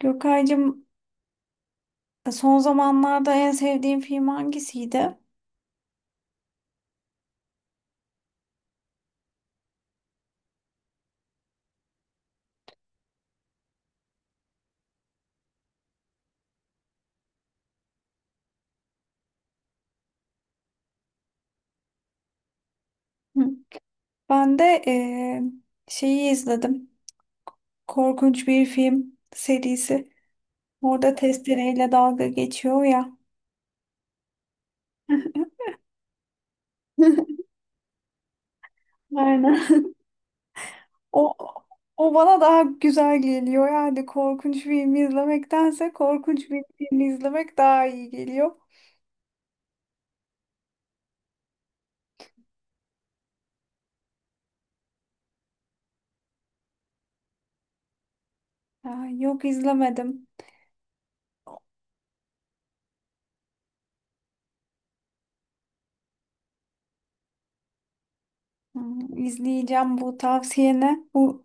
Gökaycığım son zamanlarda en sevdiğin film hangisiydi? Hı. Ben de şeyi izledim. Korkunç bir film serisi. Orada testereyle dalga geçiyor ya. Aynen. O, o bana daha güzel geliyor. Yani korkunç film izlemektense korkunç bir film izlemek daha iyi geliyor. Aa, yok izlemedim. Hmm, İzleyeceğim bu tavsiyene. Bu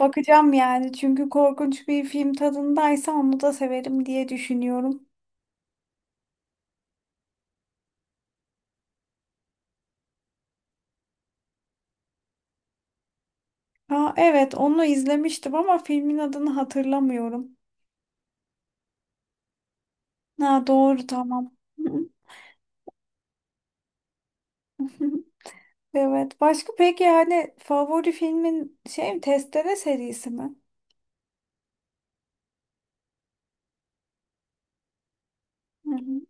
bakacağım yani. Çünkü korkunç bir film tadındaysa onu da severim diye düşünüyorum. Aa, evet onu izlemiştim ama filmin adını hatırlamıyorum. Ha, doğru tamam. Evet. Başka peki yani favori filmin şey mi? Testere serisi mi? Hı hı.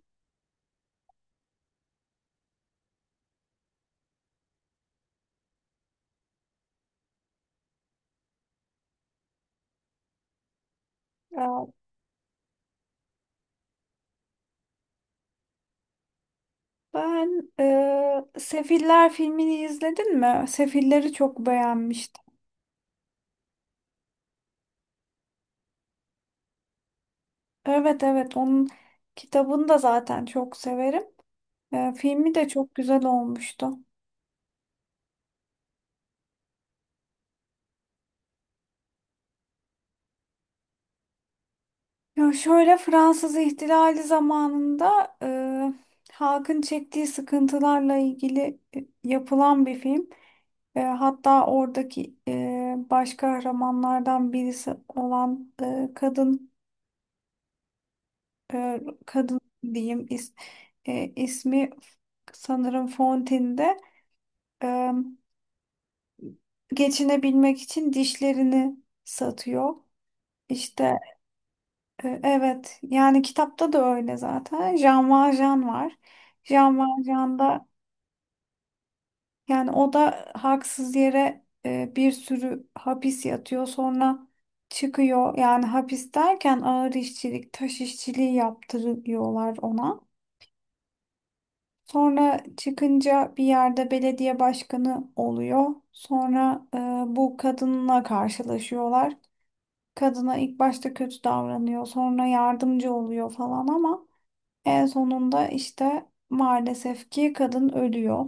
Aa, ben Sefiller filmini izledin mi? Sefilleri çok beğenmiştim. Evet evet, onun kitabını da zaten çok severim. Filmi de çok güzel olmuştu. Ya şöyle Fransız İhtilali zamanında halkın çektiği sıkıntılarla ilgili yapılan bir film. Hatta oradaki baş kahramanlardan birisi olan e, kadın diyeyim ismi sanırım Fontaine'de e, geçinebilmek için dişlerini satıyor. İşte evet yani kitapta da öyle zaten. Jean Valjean var. Jean Valjean'da yani o da haksız yere bir sürü hapis yatıyor. Sonra çıkıyor. Yani hapis derken ağır işçilik, taş işçiliği yaptırıyorlar ona. Sonra çıkınca bir yerde belediye başkanı oluyor. Sonra bu kadınla karşılaşıyorlar. Kadına ilk başta kötü davranıyor. Sonra yardımcı oluyor falan ama en sonunda işte maalesef ki kadın ölüyor.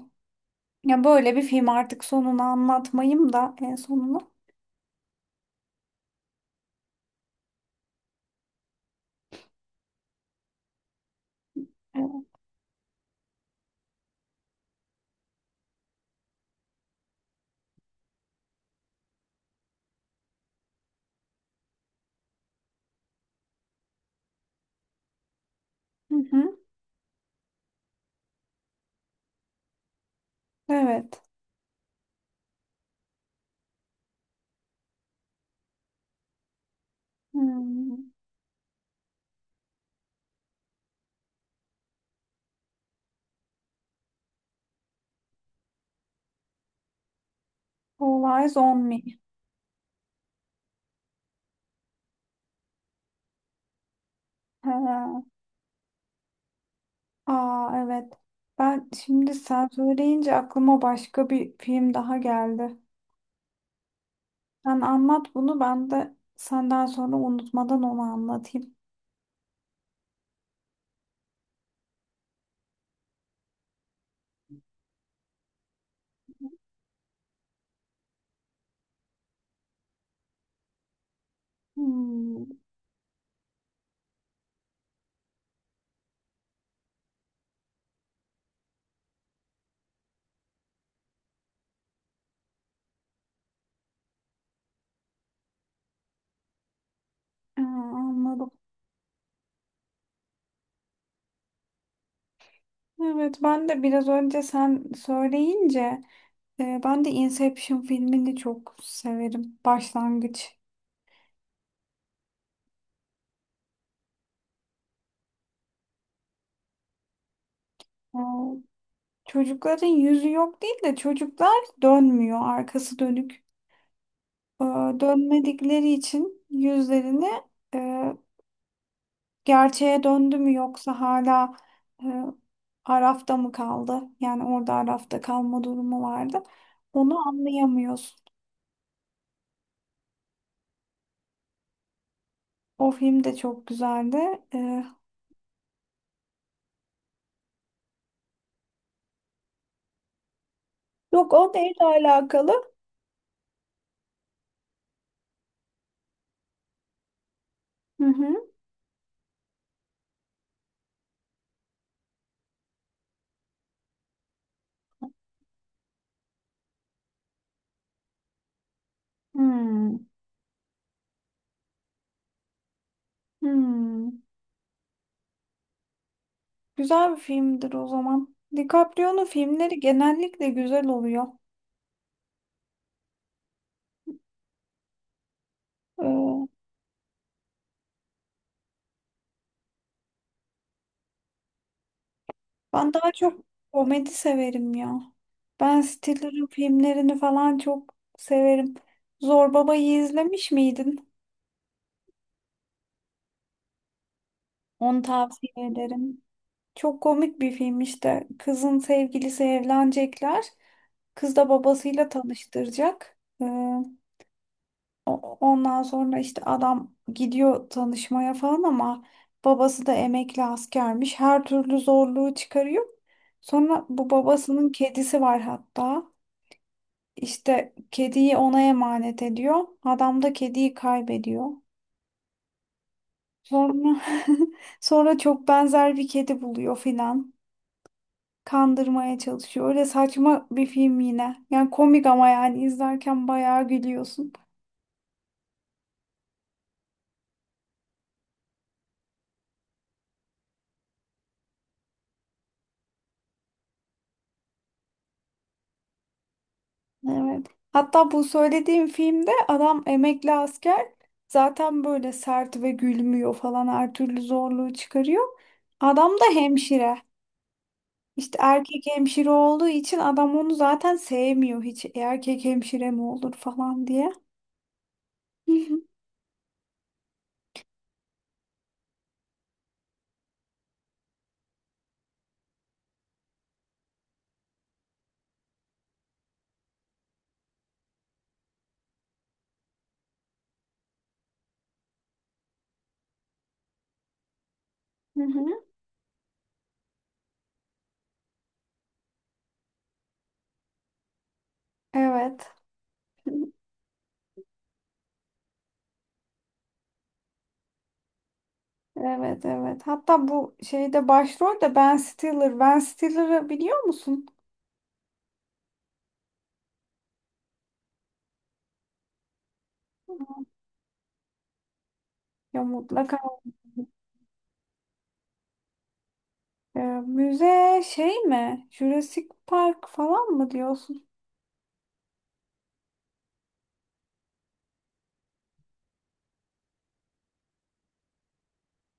Ya böyle bir film, artık sonunu anlatmayayım da en sonunu. Evet. Hı hı. Evet. Hmm. All Eyes. Ha. Aa, evet. Ben şimdi sen söyleyince aklıma başka bir film daha geldi. Sen anlat bunu, ben de senden sonra unutmadan onu anlatayım. Hmm. Aa, anladım. Evet, ben de biraz önce sen söyleyince ben de Inception filmini çok severim. Başlangıç. Aa, çocukların yüzü yok değil de çocuklar dönmüyor, arkası dönük. Ee, Dönmedikleri için yüzlerini e, gerçeğe döndü mü yoksa hala e, Araf'ta mı kaldı? Yani orada Araf'ta kalma durumu vardı. Onu anlayamıyorsun. O film de çok güzeldi. Ee, Yok, o neyle alakalı? Hı hı. Hmm. Hmm. Güzel bir filmdir o zaman. DiCaprio'nun filmleri genellikle güzel oluyor. Ee, Ben daha çok komedi severim ya. Ben Stiller'ın filmlerini falan çok severim. Zor Baba'yı izlemiş miydin? Onu tavsiye ederim. Çok komik bir film işte. Kızın sevgilisi, evlenecekler. Kız da babasıyla tanıştıracak. Ondan sonra işte adam gidiyor tanışmaya falan ama babası da emekli askermiş. Her türlü zorluğu çıkarıyor. Sonra bu babasının kedisi var hatta. İşte kediyi ona emanet ediyor. Adam da kediyi kaybediyor. Sonra sonra çok benzer bir kedi buluyor filan. Kandırmaya çalışıyor. Öyle saçma bir film yine. Yani komik, ama yani izlerken bayağı gülüyorsun. Evet. Hatta bu söylediğim filmde adam emekli asker zaten, böyle sert ve gülmüyor falan, her türlü zorluğu çıkarıyor. Adam da hemşire. İşte erkek hemşire olduğu için adam onu zaten sevmiyor hiç. "E, erkek hemşire mi olur falan diye. Hı hı. Hı hı. Evet. Evet evet. Hatta bu şeyde başrol de Ben Stiller. Ben Stiller'ı biliyor musun? Ya mutlaka. Ee, müze şey mi? Jurassic Park falan mı diyorsun?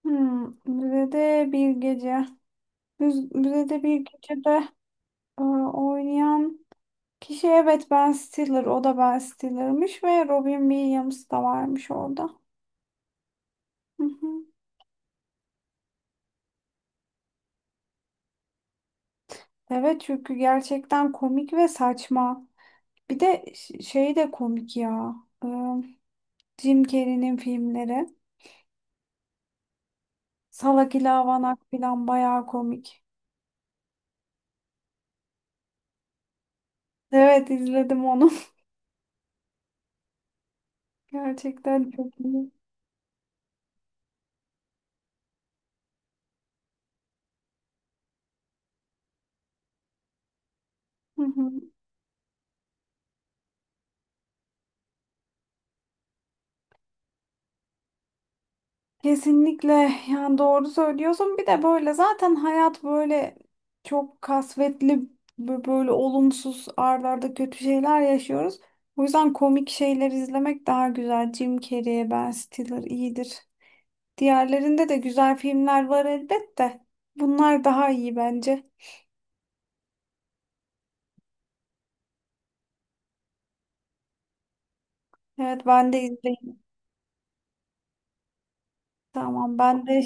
Hmm, müzede bir gece. Müzede bir gecede oynayan kişi, evet Ben Stiller, o da Ben Stiller'mış ve Robin Williams da varmış orada. Hı hı. Evet, çünkü gerçekten komik ve saçma. Bir de şey de komik ya. Ee, Jim Carrey'nin filmleri. Salak İlavanak falan bayağı komik. Evet, izledim onu. Gerçekten çok iyi. Hı hı. Kesinlikle, yani doğru söylüyorsun. Bir de böyle zaten hayat böyle çok kasvetli, böyle olumsuz ardarda kötü şeyler yaşıyoruz. O yüzden komik şeyler izlemek daha güzel. Jim Carrey, Ben Stiller iyidir. Diğerlerinde de güzel filmler var elbette. Bunlar daha iyi bence. Evet, ben de izleyeyim. Tamam, ben de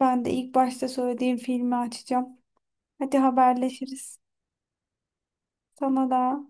ben de ilk başta söylediğim filmi açacağım. Hadi haberleşiriz. Sana da.